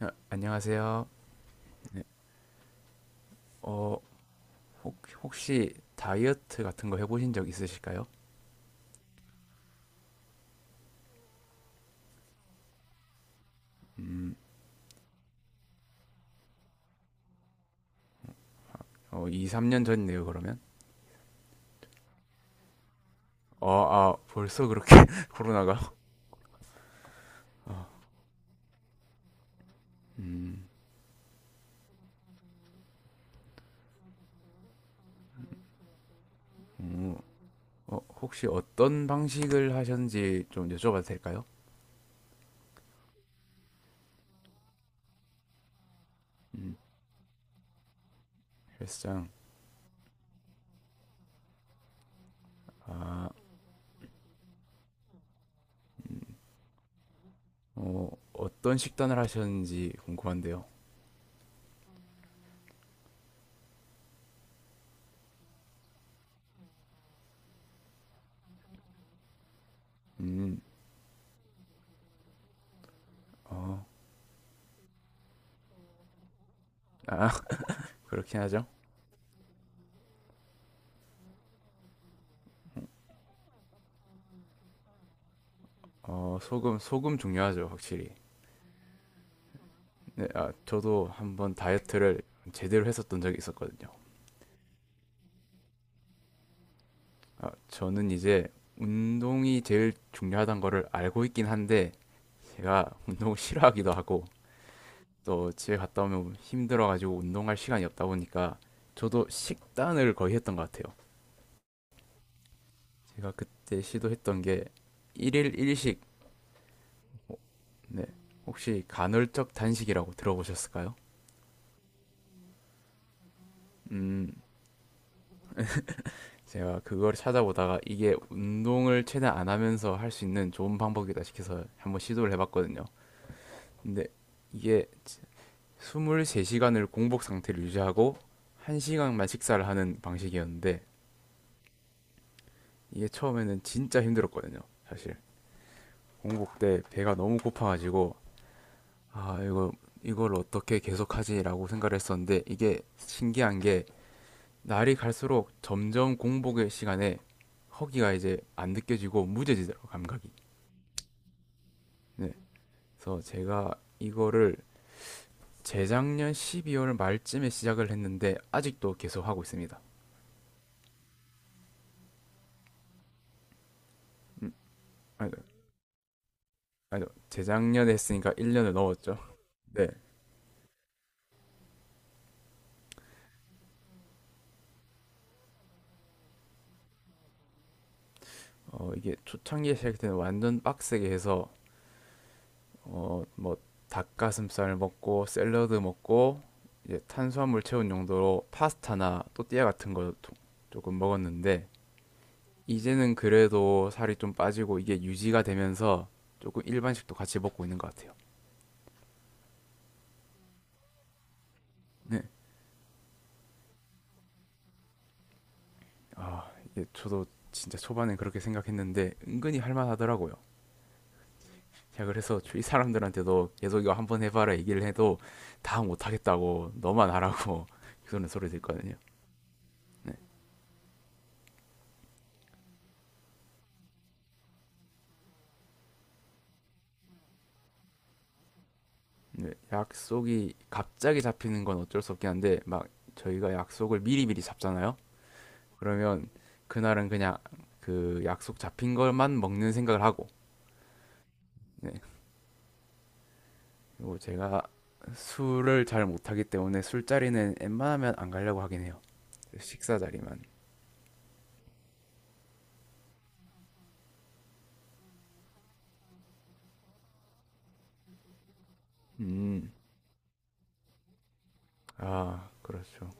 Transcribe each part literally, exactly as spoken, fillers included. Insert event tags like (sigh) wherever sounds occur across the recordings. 아, 안녕하세요. 어, 혹, 혹시 다이어트 같은 거 해보신 적 있으실까요? 어, 이, 삼 년 전이네요, 그러면. 어, 아, 벌써 그렇게 (laughs) 코로나가? 어, 음, 음, 어, 혹시 어떤 방식을 하셨는지 좀 여쭤봐도 될까요? 음, 헬스장. 아, 어, 어떤 식단을 하셨는지 궁금한데요. 음, 어, 아, (laughs) 그렇긴 하죠. 어, 소금, 소금 중요하죠, 확실히. 네, 아, 저도 한번 다이어트를 제대로 했었던 적이 있었거든요. 아, 저는 이제 운동이 제일 중요하다는 거를 알고 있긴 한데 제가 (laughs) 운동을 싫어하기도 하고 또 집에 갔다 오면 힘들어가지고 운동할 시간이 없다 보니까 저도 식단을 거의 했던 것 같아요. 제가 그때 시도했던 게 일일 일식, 네. 혹시 간헐적 단식이라고 들어보셨을까요? 음, 제가 그걸 찾아보다가 이게 운동을 최대한 안 하면서 할 수 있는 좋은 방법이다 싶어서 한번 시도를 해봤거든요. 근데 이게 스물세 시간을 공복 상태를 유지하고 한 시간만 식사를 하는 방식이었는데 이게 처음에는 진짜 힘들었거든요. 사실 공복 때 배가 너무 고파가지고 아 이거 이걸 어떻게 계속하지라고 생각을 했었는데 이게 신기한 게 날이 갈수록 점점 공복의 시간에 허기가 이제 안 느껴지고 무뎌지더라고 감각이. 네. 그래서 제가 이거를 재작년 십이월 말쯤에 시작을 했는데 아직도 계속 하고 있습니다. 아니 재작년에 했으니까 일 년을 넘었죠. 네. 어, 이게 초창기에 시작할 때는 완전 빡세게 해서 어, 뭐 닭가슴살 먹고 샐러드 먹고 이제 탄수화물 채운 용도로 파스타나 또띠아 같은 거 조- 조금 먹었는데 이제는 그래도 살이 좀 빠지고 이게 유지가 되면서 조금 일반식도 같이 먹고 있는 것 같아요. 네. 이게 저도 진짜 초반엔 그렇게 생각했는데 은근히 할만하더라고요. 야, 그래서 이 사람들한테도 계속 이거 한번 해봐라 얘기를 해도 다 못하겠다고 너만 하라고 (laughs) 그런 소리 듣거든요. 네, 약속이 갑자기 잡히는 건 어쩔 수 없긴 한데 막 저희가 약속을 미리미리 잡잖아요. 그러면 그날은 그냥 그 약속 잡힌 것만 먹는 생각을 하고 네. 그리고 제가 술을 잘 못하기 때문에 술자리는 웬만하면 안 가려고 하긴 해요. 식사 자리만. 음. 아, 그렇죠.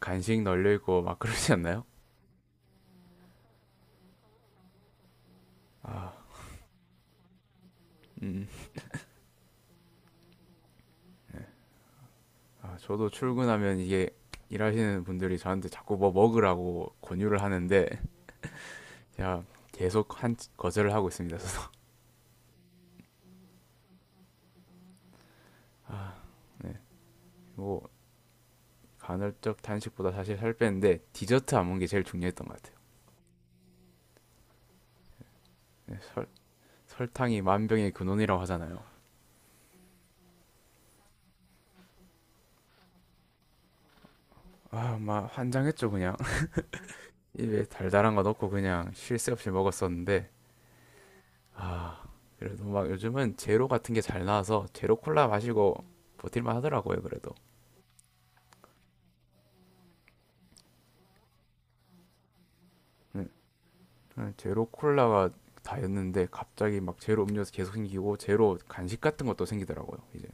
간식 널려 있고 막 그러지 않나요? 음. 아, 저도 출근하면 이게 일하시는 분들이 저한테 자꾸 뭐 먹으라고 권유를 하는데 제가 계속 한 거절을 하고 있습니다. 저도 (laughs) 뭐 간헐적 단식보다 사실 살 빼는데 디저트 안 먹는 게 제일 중요했던 것 같아요. 네, 설, 설탕이 만병의 근원이라고 하잖아요. 아, 막 환장했죠 그냥 (laughs) 입에 달달한 거 넣고 그냥 쉴 새 없이 먹었었는데 아 그래도 막 요즘은 제로 같은 게 잘 나와서 제로 콜라 마시고 버틸만 하더라고요 그래도. 네, 네, 제로 콜라가 다였는데 갑자기 막 제로 음료수 계속 생기고 제로 간식 같은 것도 생기더라고요. 이제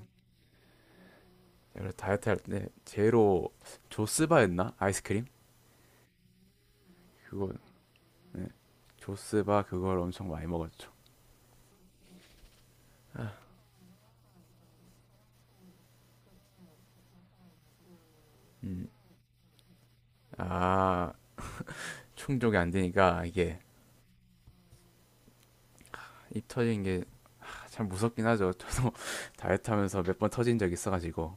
그래서 다이어트 할 때 제로 조스바였나 아이스크림 그거 조스바 그걸 엄청 많이 먹었죠. 음. 아 충족이 안 되니까 이게 입 터진 게 아, 참 무섭긴 하죠. 저도 (laughs) 다이어트 하면서 몇 번 터진 적 있어가지고.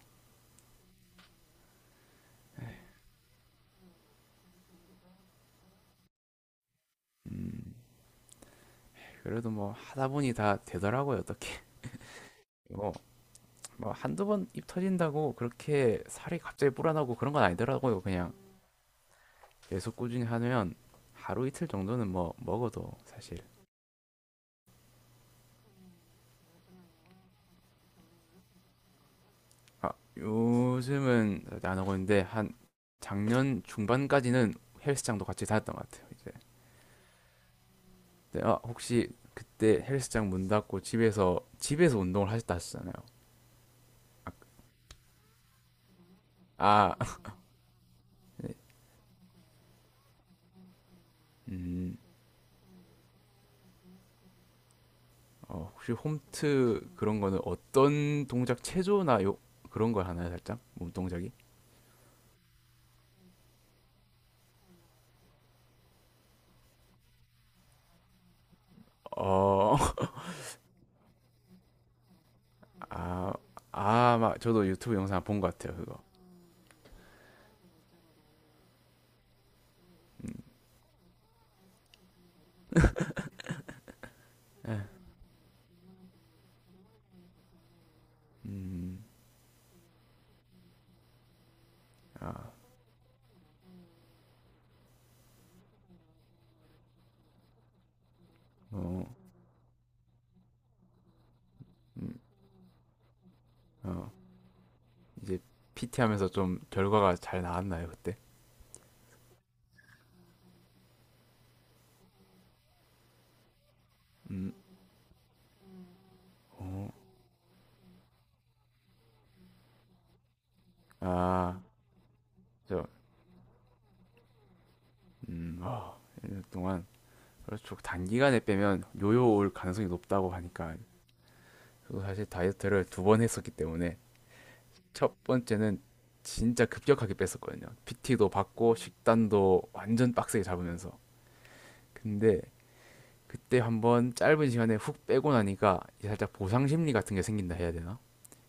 음, 그래도 뭐 하다 보니 다 되더라고요, 어떻게. 뭐 한두 번 입 터진다고 그렇게 살이 갑자기 불어나고 그런 건 아니더라고요. 그냥 계속 꾸준히 하면 하루 이틀 정도는 뭐 먹어도 사실. 아, 요즘은 안 하고 있는데 한 작년 중반까지는 헬스장도 같이 다녔던 것 같아요. 이제. 근데 아, 혹시 그때 헬스장 문 닫고 집에서 집에서 운동을 하셨다 하셨잖아요. 아, (laughs) 음, 어, 혹시 홈트 그런 거는 어떤 동작 체조나 요 그런 걸 하나요, 살짝? 몸 동작이? 어, 아, 아, 막 저도 유튜브 영상 본 것 같아요, 그거. 예. 음, 아, 어, 어, 이제 피티 하면서 좀 결과가 잘 나왔나요, 그때? 음, 어, 아, 저, 음, 어, 일 년 동안. 그렇죠. 그 단기간에 빼면 요요 올 가능성이 높다고 하니까. 저도 사실 다이어트를 두 번 했었기 때문에 첫 번째는 진짜 급격하게 뺐었거든요. 피티도 받고 식단도 완전 빡세게 잡으면서. 근데 그때 한번 짧은 시간에 훅 빼고 나니까 이제 살짝 보상 심리 같은 게 생긴다 해야 되나?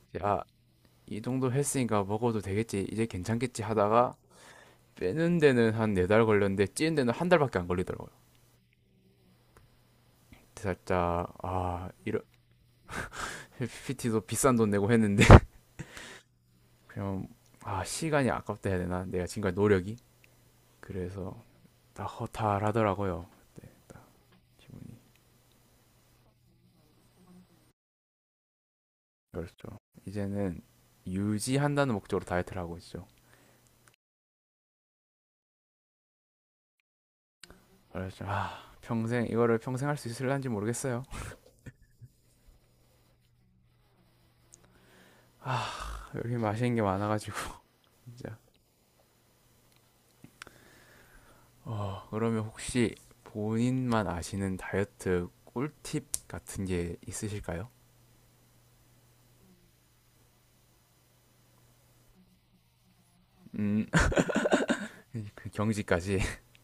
이제 아, 이 정도 했으니까 먹어도 되겠지, 이제 괜찮겠지 하다가 빼는 데는 한 네 달 걸렸는데 찌는 데는 한 달밖에 안 걸리더라고요. 살짝 아, 이런 피티도 비싼 돈 내고 했는데 (laughs) 그냥 아, 시간이 아깝다 해야 되나? 내가 지금까지 노력이 그래서 다 허탈하더라고요. 기분이 그렇죠. 이제는 유지한다는 목적으로 다이어트를 하고 있죠. 그래서 아 평생 이거를 평생 할 수 있을란지 모르겠어요. (laughs) 여기 맛있는 게 많아가지고 진짜. 어 그러면 혹시 본인만 아시는 다이어트 꿀팁 같은 게 있으실까요? 음, (laughs) 그 경지까지. (laughs)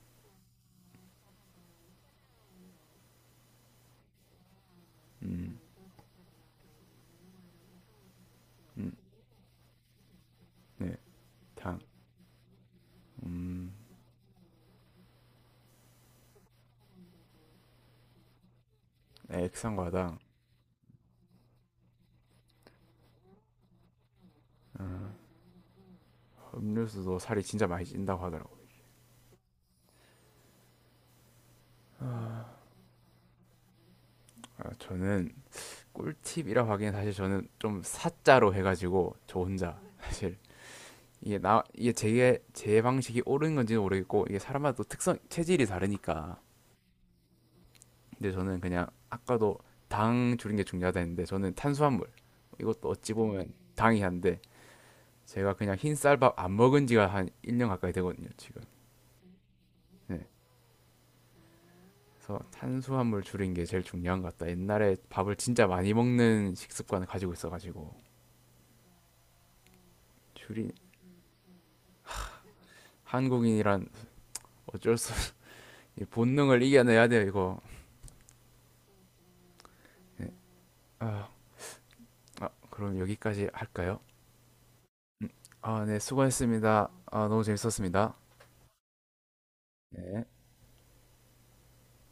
음, 음, 네, 당, 음, 네, 액상과당, 음료수도 살이 진짜 많이 찐다고 하더라고요. 아, 저는 꿀팁이라고 하기엔 사실 저는 좀 사자로 해가지고 저 혼자 사실 이게 나 이게 제, 제 방식이 옳은 건지는 모르겠고 이게 사람마다 또 특성 체질이 다르니까 근데 저는 그냥 아까도 당 줄인 게 중요하다 했는데 저는 탄수화물 이것도 어찌 보면 당이 한데 제가 그냥 흰쌀밥 안 먹은 지가 한 일 년 가까이 되거든요 지금 네. 그래서 탄수화물 줄인 게 제일 중요한 것 같다 옛날에 밥을 진짜 많이 먹는 식습관을 가지고 있어가지고 줄인 한국인이란 어쩔 수 없이 (laughs) 이 본능을 이겨내야 돼요 이거 아, 아 그럼 여기까지 할까요? 음. 아, 네, 수고했습니다. 아, 너무 재밌었습니다. 네.